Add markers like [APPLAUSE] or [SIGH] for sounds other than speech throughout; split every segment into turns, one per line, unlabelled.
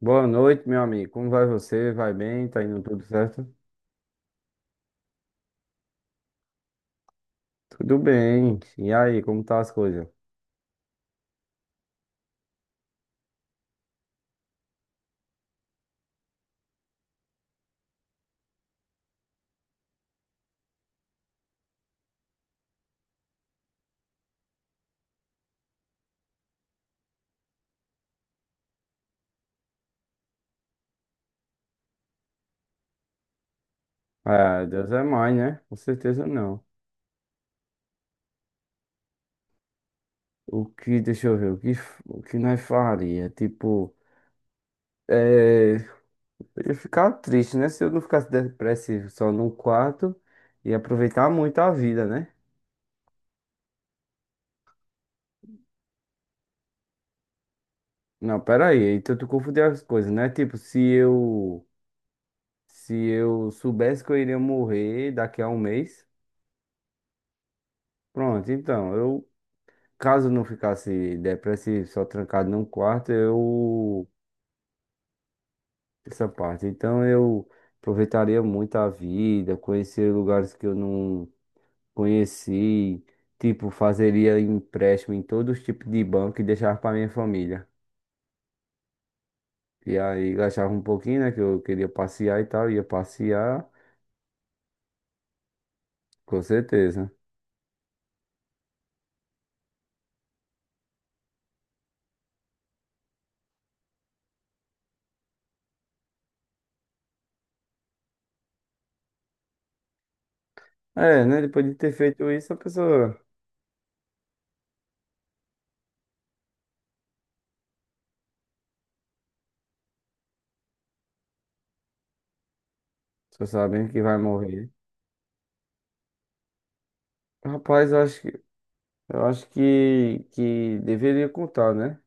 Boa noite, meu amigo. Como vai você? Vai bem? Tá indo tudo certo? Tudo bem. E aí, como tá as coisas? Ah, Deus é mais, né? Com certeza não. O que, deixa eu ver, o que nós faria? Tipo, é, eu ia ficar triste, né? Se eu não ficasse depressivo só num quarto e aproveitar muito a vida, né? Não, pera aí. Então tu confundiu as coisas, né? Tipo, se eu soubesse que eu iria morrer daqui a um mês, pronto. Então, eu caso não ficasse depressivo, só trancado num quarto, eu. Essa parte. Então eu aproveitaria muito a vida, conhecer lugares que eu não conheci, tipo, fazeria empréstimo em todos os tipos de banco e deixava para minha família. E aí gastava um pouquinho, né? Que eu queria passear e tal, ia passear, com certeza. É, né? Depois de ter feito isso, a pessoa só sabendo que vai morrer. Rapaz, eu acho que deveria contar, né?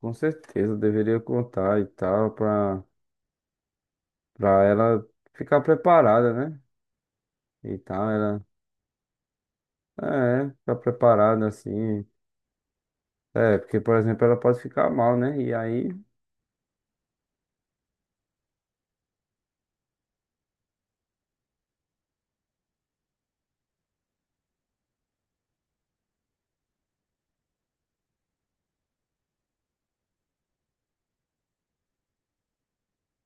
Com certeza, deveria contar e tal, pra ela ficar preparada, né? E tal, ela. É, ficar preparada assim. É, porque, por exemplo, ela pode ficar mal, né? E aí.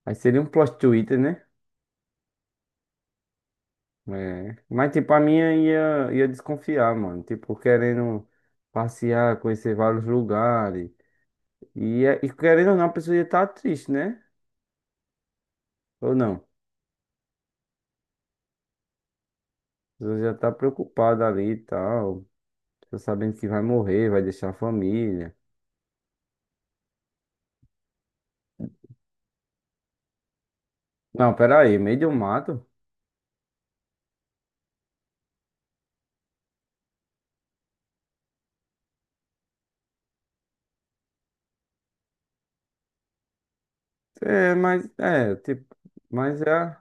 Aí seria um plot twist, né? É. Mas, tipo, a minha ia desconfiar, mano. Tipo, querendo passear, conhecer vários lugares. E, e querendo ou não, a pessoa ia estar triste, né? Ou não? A pessoa já tá preocupada ali e tal. Tá sabendo que vai morrer, vai deixar a família. Não, peraí, meio do mato? É, mas, é, tipo, mas é,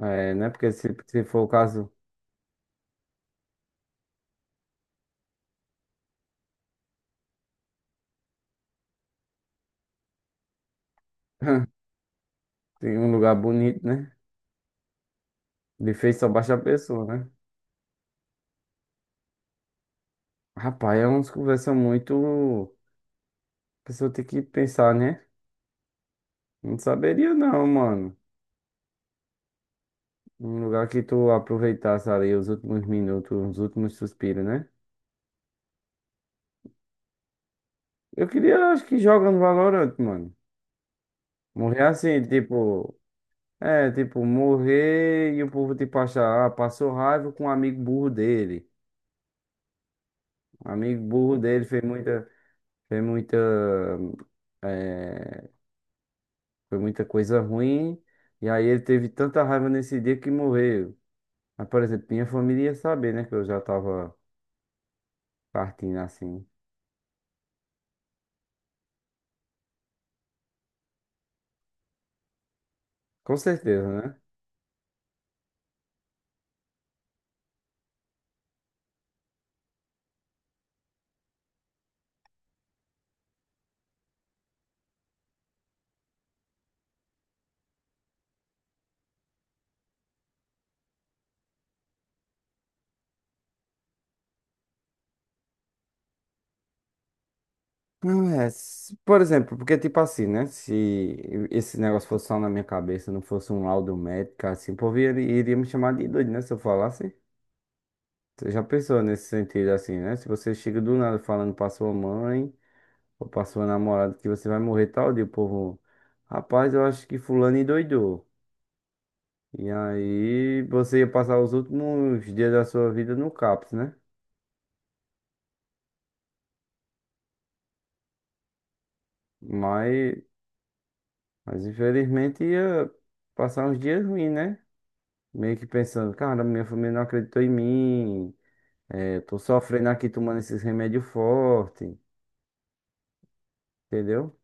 né? Porque se for o caso, [LAUGHS] tem um lugar bonito, né? De fez só baixa a pessoa, né? Rapaz, é umas conversas muito. A pessoa tem que pensar, né? Não saberia, não, mano. Um lugar que tu aproveitasse ali os últimos minutos, os últimos suspiros, né? Eu queria, acho que joga no Valorant, mano. Morrer assim, tipo. É, tipo, morrer e o povo, tipo, achar, ah, passou raiva com um amigo burro dele. O amigo burro dele fez muita, eh, foi muita coisa ruim. E aí ele teve tanta raiva nesse dia que morreu. Mas, por exemplo, minha família ia saber, né? Que eu já tava partindo assim. Com certeza, né? Não é, se- por exemplo, porque tipo assim, né? Se esse negócio fosse só na minha cabeça, não fosse um laudo médico, assim, o povo iria me chamar de doido, né? Se eu falasse. Você já pensou nesse sentido assim, né? Se você chega do nada falando pra sua mãe. Ou pra sua namorada que você vai morrer tal dia, o povo. Rapaz, eu acho que fulano endoidou. E aí você ia passar os últimos dias da sua vida no CAPS, né? Mas, mas infelizmente ia passar uns dias ruins, né? Meio que pensando, cara, minha família não acreditou em mim. É, tô sofrendo aqui tomando esses remédios fortes, entendeu?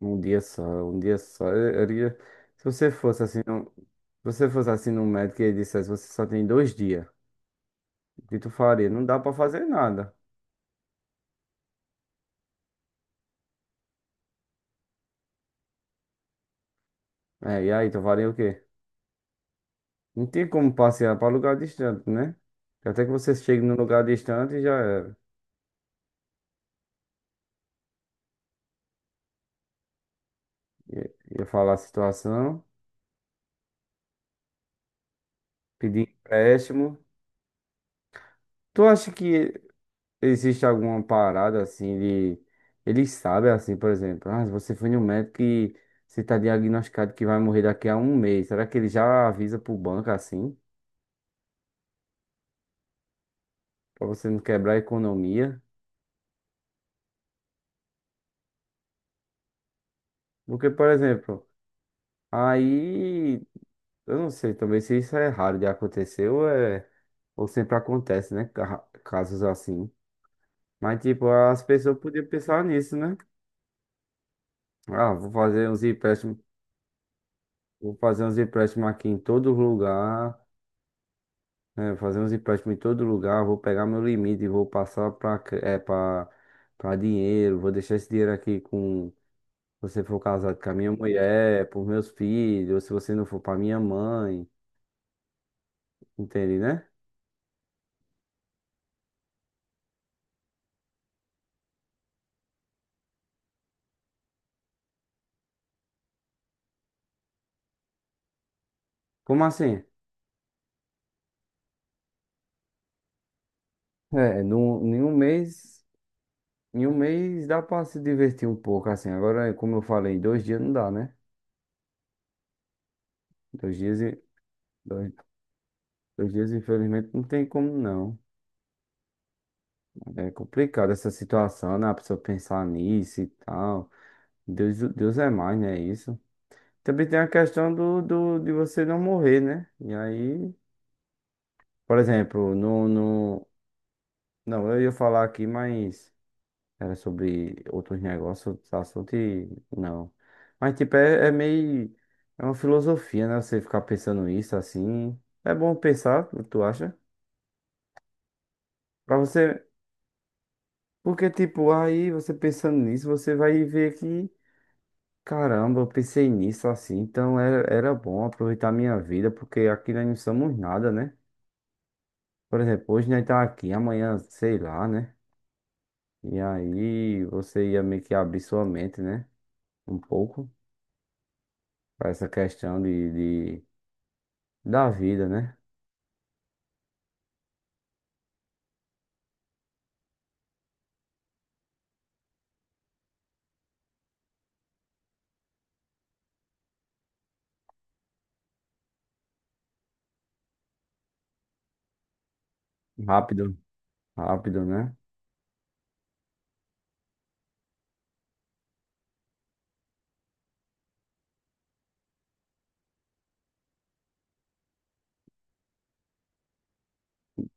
Um dia só, um dia só. Se você fosse assim, se você fosse assim no médico e ele dissesse, você só tem 2 dias. O que tu faria? Não dá pra fazer nada. É, e aí, tu faria o quê? Não tem como passear pra lugar distante, né? Até que você chegue num lugar distante, já era. Ia falar a situação, pedir empréstimo. Tu acha que existe alguma parada assim de. Eles sabem, assim, por exemplo, ah, você foi no médico e você tá diagnosticado que vai morrer daqui a um mês. Será que ele já avisa pro banco assim? Pra você não quebrar a economia? Porque, por exemplo, aí. Eu não sei também se isso é raro de acontecer ou sempre acontece, né? Casos assim. Mas, tipo, as pessoas podiam pensar nisso, né? Ah, vou fazer uns empréstimos, vou fazer uns empréstimos aqui em todo lugar, né? Fazer uns empréstimos em todo lugar, vou pegar meu limite e vou passar para é, para para dinheiro, vou deixar esse dinheiro aqui com, se você for casado com a minha mulher, para meus filhos, ou se você não for para minha mãe, entende, né? Como assim? Em um mês. Em um mês dá pra se divertir um pouco, assim. Agora, como eu falei, em 2 dias não dá, né? Dois dias, e- dois, dois dias, infelizmente, não tem como não. É complicado essa situação, né? A pessoa pensar nisso e tal. Deus é mais, né? Isso. Também tem a questão de você não morrer, né? E aí, por exemplo, Não, eu ia falar aqui, mas... Era sobre outros negócios, outros assuntos e não. Mas, tipo, é meio. É uma filosofia, né? Você ficar pensando isso assim. É bom pensar, tu acha? Pra você. Porque, tipo, aí você pensando nisso, você vai ver que. Caramba, eu pensei nisso assim. Então era bom aproveitar a minha vida, porque aqui nós não somos nada, né? Por exemplo, hoje nós tá aqui, amanhã, sei lá, né? E aí você ia meio que abrir sua mente, né? Um pouco. Para essa questão da vida, né? Rápido, rápido, né?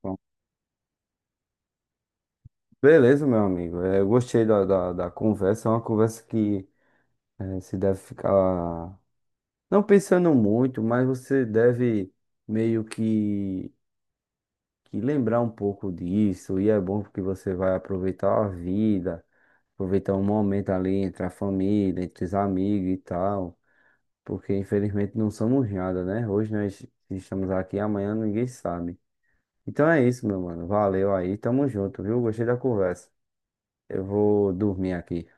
Bom, beleza, meu amigo. É, eu gostei da conversa. É uma conversa que é, se deve ficar não pensando muito, mas você deve meio que lembrar um pouco disso. E é bom porque você vai aproveitar a vida, aproveitar um momento ali entre a família, entre os amigos e tal. Porque infelizmente não somos nada, né? Hoje nós estamos aqui, amanhã ninguém sabe. Então é isso, meu mano. Valeu aí, tamo junto, viu? Gostei da conversa. Eu vou dormir aqui.